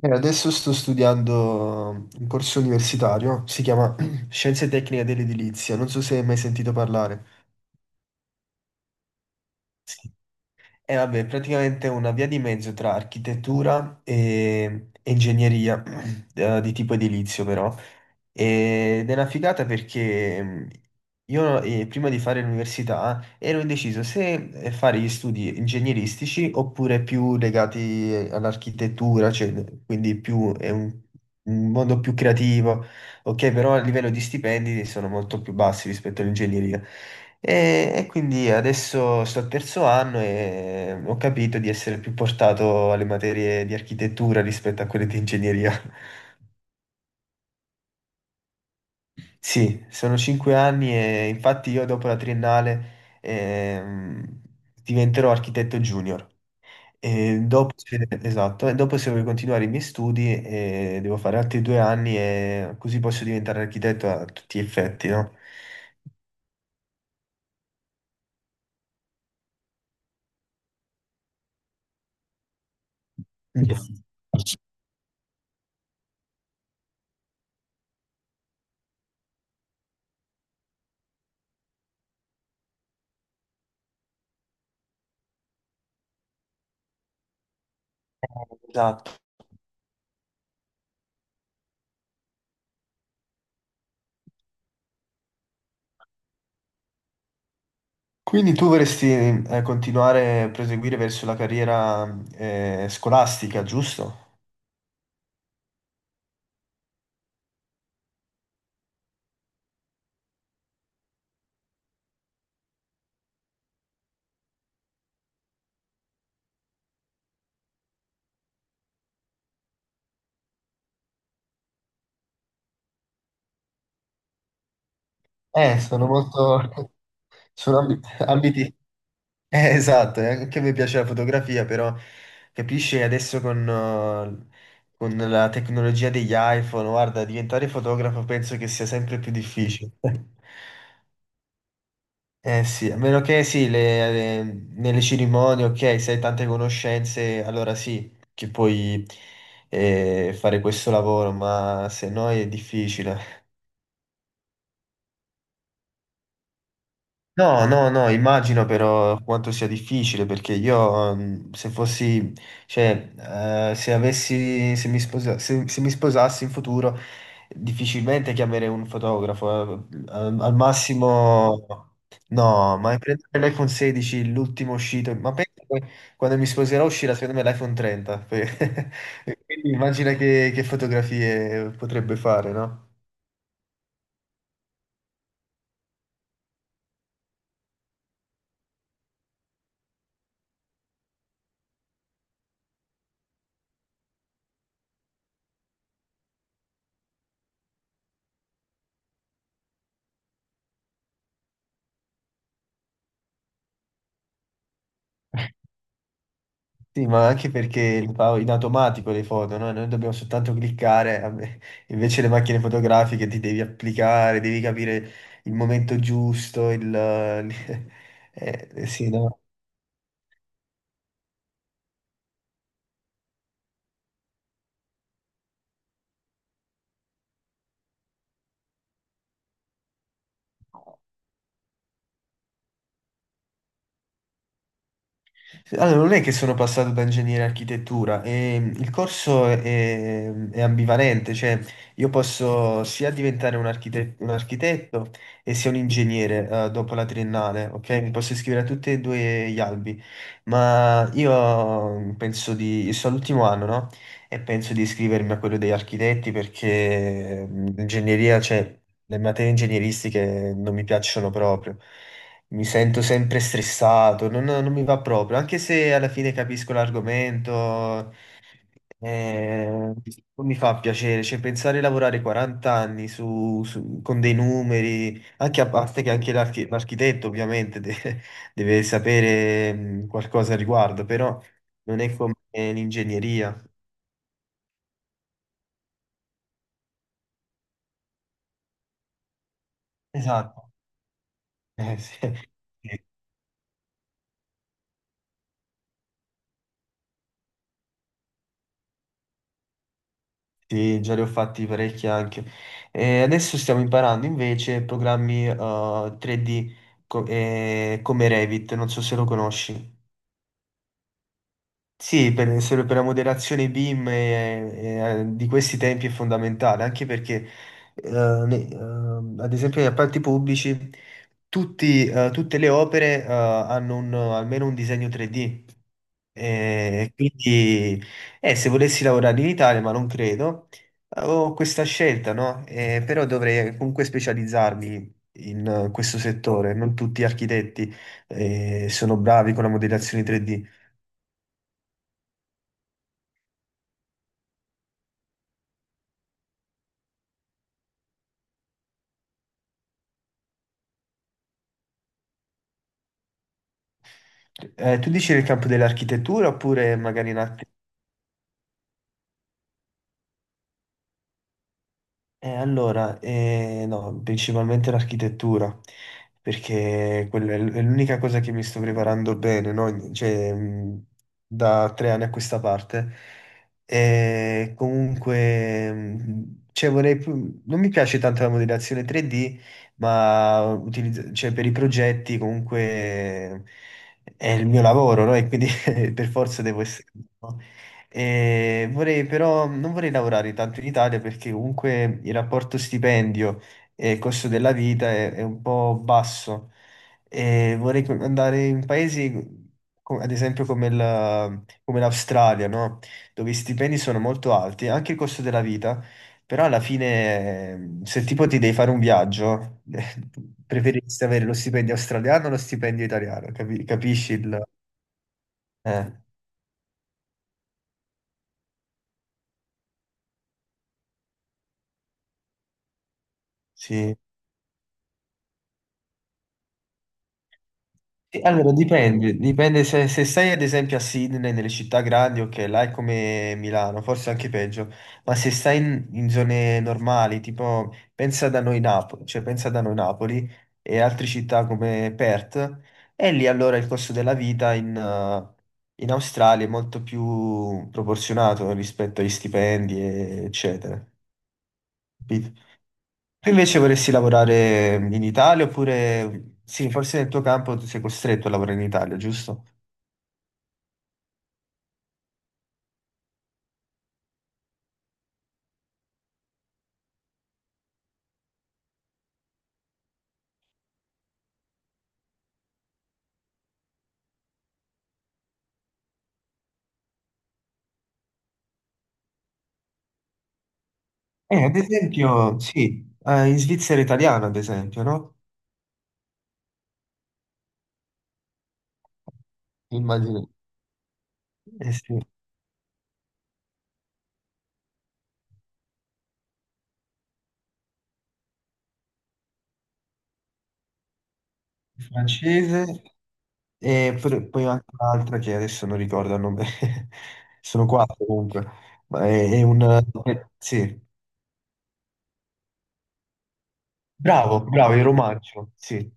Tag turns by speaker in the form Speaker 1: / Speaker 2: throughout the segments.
Speaker 1: Adesso sto studiando un corso universitario, si chiama Scienze Tecniche dell'Edilizia, non so se hai mai sentito parlare. Sì. E vabbè, praticamente è una via di mezzo tra architettura e ingegneria, di tipo edilizio però. Ed è una figata perché io prima di fare l'università ero indeciso se fare gli studi ingegneristici oppure più legati all'architettura, cioè, quindi più, è un mondo più creativo, ok, però a livello di stipendi sono molto più bassi rispetto all'ingegneria. E quindi adesso sto al terzo anno e ho capito di essere più portato alle materie di architettura rispetto a quelle di ingegneria. Sì, sono 5 anni e infatti io dopo la triennale diventerò architetto junior. E dopo, esatto, e dopo se voglio continuare i miei studi devo fare altri 2 anni e così posso diventare architetto a tutti gli effetti, no? Mm. Yes. Esatto. Quindi tu vorresti continuare a proseguire verso la carriera scolastica, giusto? Sono molto... sono ambiti. Esatto, e anche a me piace la fotografia, però capisci adesso con la tecnologia degli iPhone, guarda, diventare fotografo penso che sia sempre più difficile. Eh sì, a meno che sì, le- nelle cerimonie, ok, se hai tante conoscenze, allora sì, che puoi fare questo lavoro, ma se no è difficile. No, no, no, immagino però quanto sia difficile perché io mm, se fossi, cioè, se avessi, se mi sposassi in futuro, difficilmente chiamerei un fotografo. Al massimo, no, ma prendere l'iPhone 16, l'ultimo uscito, ma penso che quando mi sposerò uscirà secondo me l'iPhone 30. Quindi immagina che fotografie potrebbe fare, no? Sì, ma anche perché le fa in automatico le foto, no? Noi dobbiamo soltanto cliccare, invece le macchine fotografiche ti devi applicare, devi capire il momento giusto, il... sì, no? Allora, non è che sono passato da ingegnere a architettura, il corso è ambivalente, cioè io posso sia diventare un architetto e sia un ingegnere, dopo la triennale, ok? Mi posso iscrivere a tutti e due gli albi, ma io penso di... io sono all'ultimo anno, no? E penso di iscrivermi a quello degli architetti perché mm, l'ingegneria, cioè le materie ingegneristiche non mi piacciono proprio. Mi sento sempre stressato, non mi va proprio, anche se alla fine capisco l'argomento, eh, non mi fa piacere, cioè pensare di lavorare 40 anni con dei numeri, anche a parte che anche l'architetto ovviamente deve sapere qualcosa al riguardo, però non è come l'ingegneria. Esatto. Sì. Sì, già ne ho fatti parecchi anche. E adesso stiamo imparando invece programmi 3D come Revit, non so se lo conosci. Sì, per, serve per la moderazione BIM e, di questi tempi è fondamentale, anche perché, eh, ad esempio, negli appalti pubblici tutte le opere hanno un- almeno un disegno 3D. E quindi, se volessi lavorare in Italia, ma non credo, ho questa scelta, no? Però dovrei comunque specializzarmi in questo settore. Non tutti gli architetti, sono bravi con la modellazione 3D. Tu dici nel campo dell'architettura oppure magari in altri. No, principalmente l'architettura, perché quella è l'unica cosa che mi sto preparando bene, no? Cioè, da 3 anni a questa parte. E comunque, cioè, non mi piace tanto la modellazione 3D, ma cioè, per i progetti comunque è il mio lavoro, no? E quindi per forza devo essere... no, e vorrei però, non vorrei lavorare tanto in Italia perché comunque il rapporto stipendio e costo della vita è un po' basso. E vorrei andare in paesi, ad esempio, come l'Australia, no? Dove i stipendi sono molto alti, anche il costo della vita, però alla fine, se tipo ti devi fare un viaggio, preferiresti avere lo stipendio australiano o lo stipendio italiano? Capisci il... eh, sì. Sì, allora, dipende se, se sei ad esempio a Sydney, nelle città grandi, ok, là è come Milano, forse anche peggio, ma se stai in zone normali, tipo pensa da noi Napoli, cioè pensa da noi Napoli e altre città come Perth, e lì allora il costo della vita in Australia è molto più proporzionato rispetto agli stipendi, eccetera. Capito? Tu invece vorresti lavorare in Italia oppure, sì, forse nel tuo campo tu sei costretto a lavorare in Italia, giusto? Ad esempio, sì, in Svizzera italiana, ad esempio, no? Immagino. Eh sì, francese e poi anche un'altra che adesso non ricordo il nome, sono quattro comunque, ma è un... sì, bravo, bravo, il romancio, sì.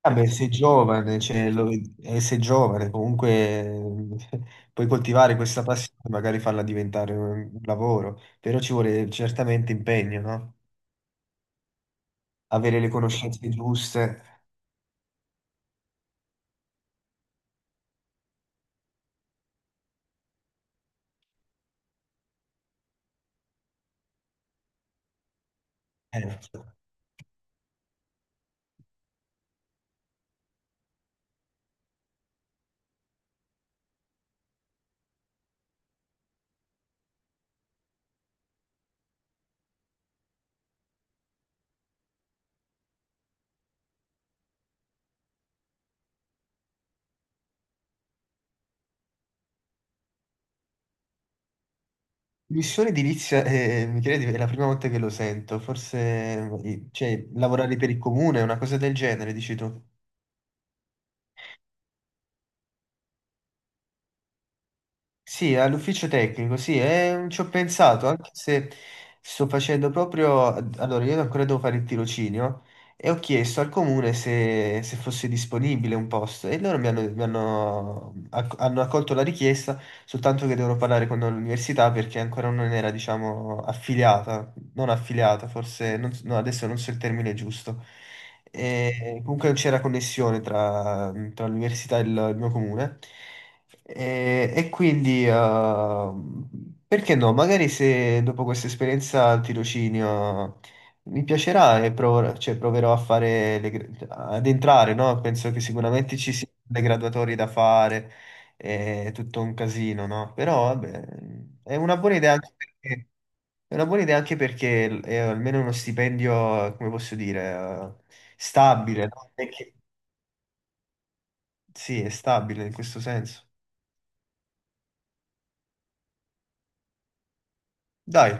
Speaker 1: Vabbè, sei giovane, cioè, sei giovane, comunque eh, puoi coltivare questa passione, magari farla diventare un lavoro, però ci vuole certamente impegno, no? Avere le conoscenze giuste. Eh, missione edilizia, Michele, è la prima volta che lo sento, forse cioè, lavorare per il comune, una cosa del genere, dici tu. Sì, all'ufficio tecnico, sì, ci ho pensato, anche se sto facendo proprio... Allora, io ancora devo fare il tirocinio e ho chiesto al comune se, se fosse disponibile un posto e loro hanno accolto la richiesta, soltanto che devono parlare con l'università perché ancora non era, diciamo, affiliata. Non affiliata, forse, non so- no, adesso non so il termine giusto. E comunque c'era connessione tra l'università e il mio comune. E quindi, perché no? Magari se dopo questa esperienza al tirocinio mi piacerà e cioè, proverò a fare le gra- ad entrare, no? Penso che sicuramente ci siano le graduatorie da fare, è tutto un casino, no? Però vabbè, è una buona idea anche perché è una buona idea anche perché è almeno uno stipendio, come posso dire, stabile, no? Sì, è stabile in questo senso. Dai,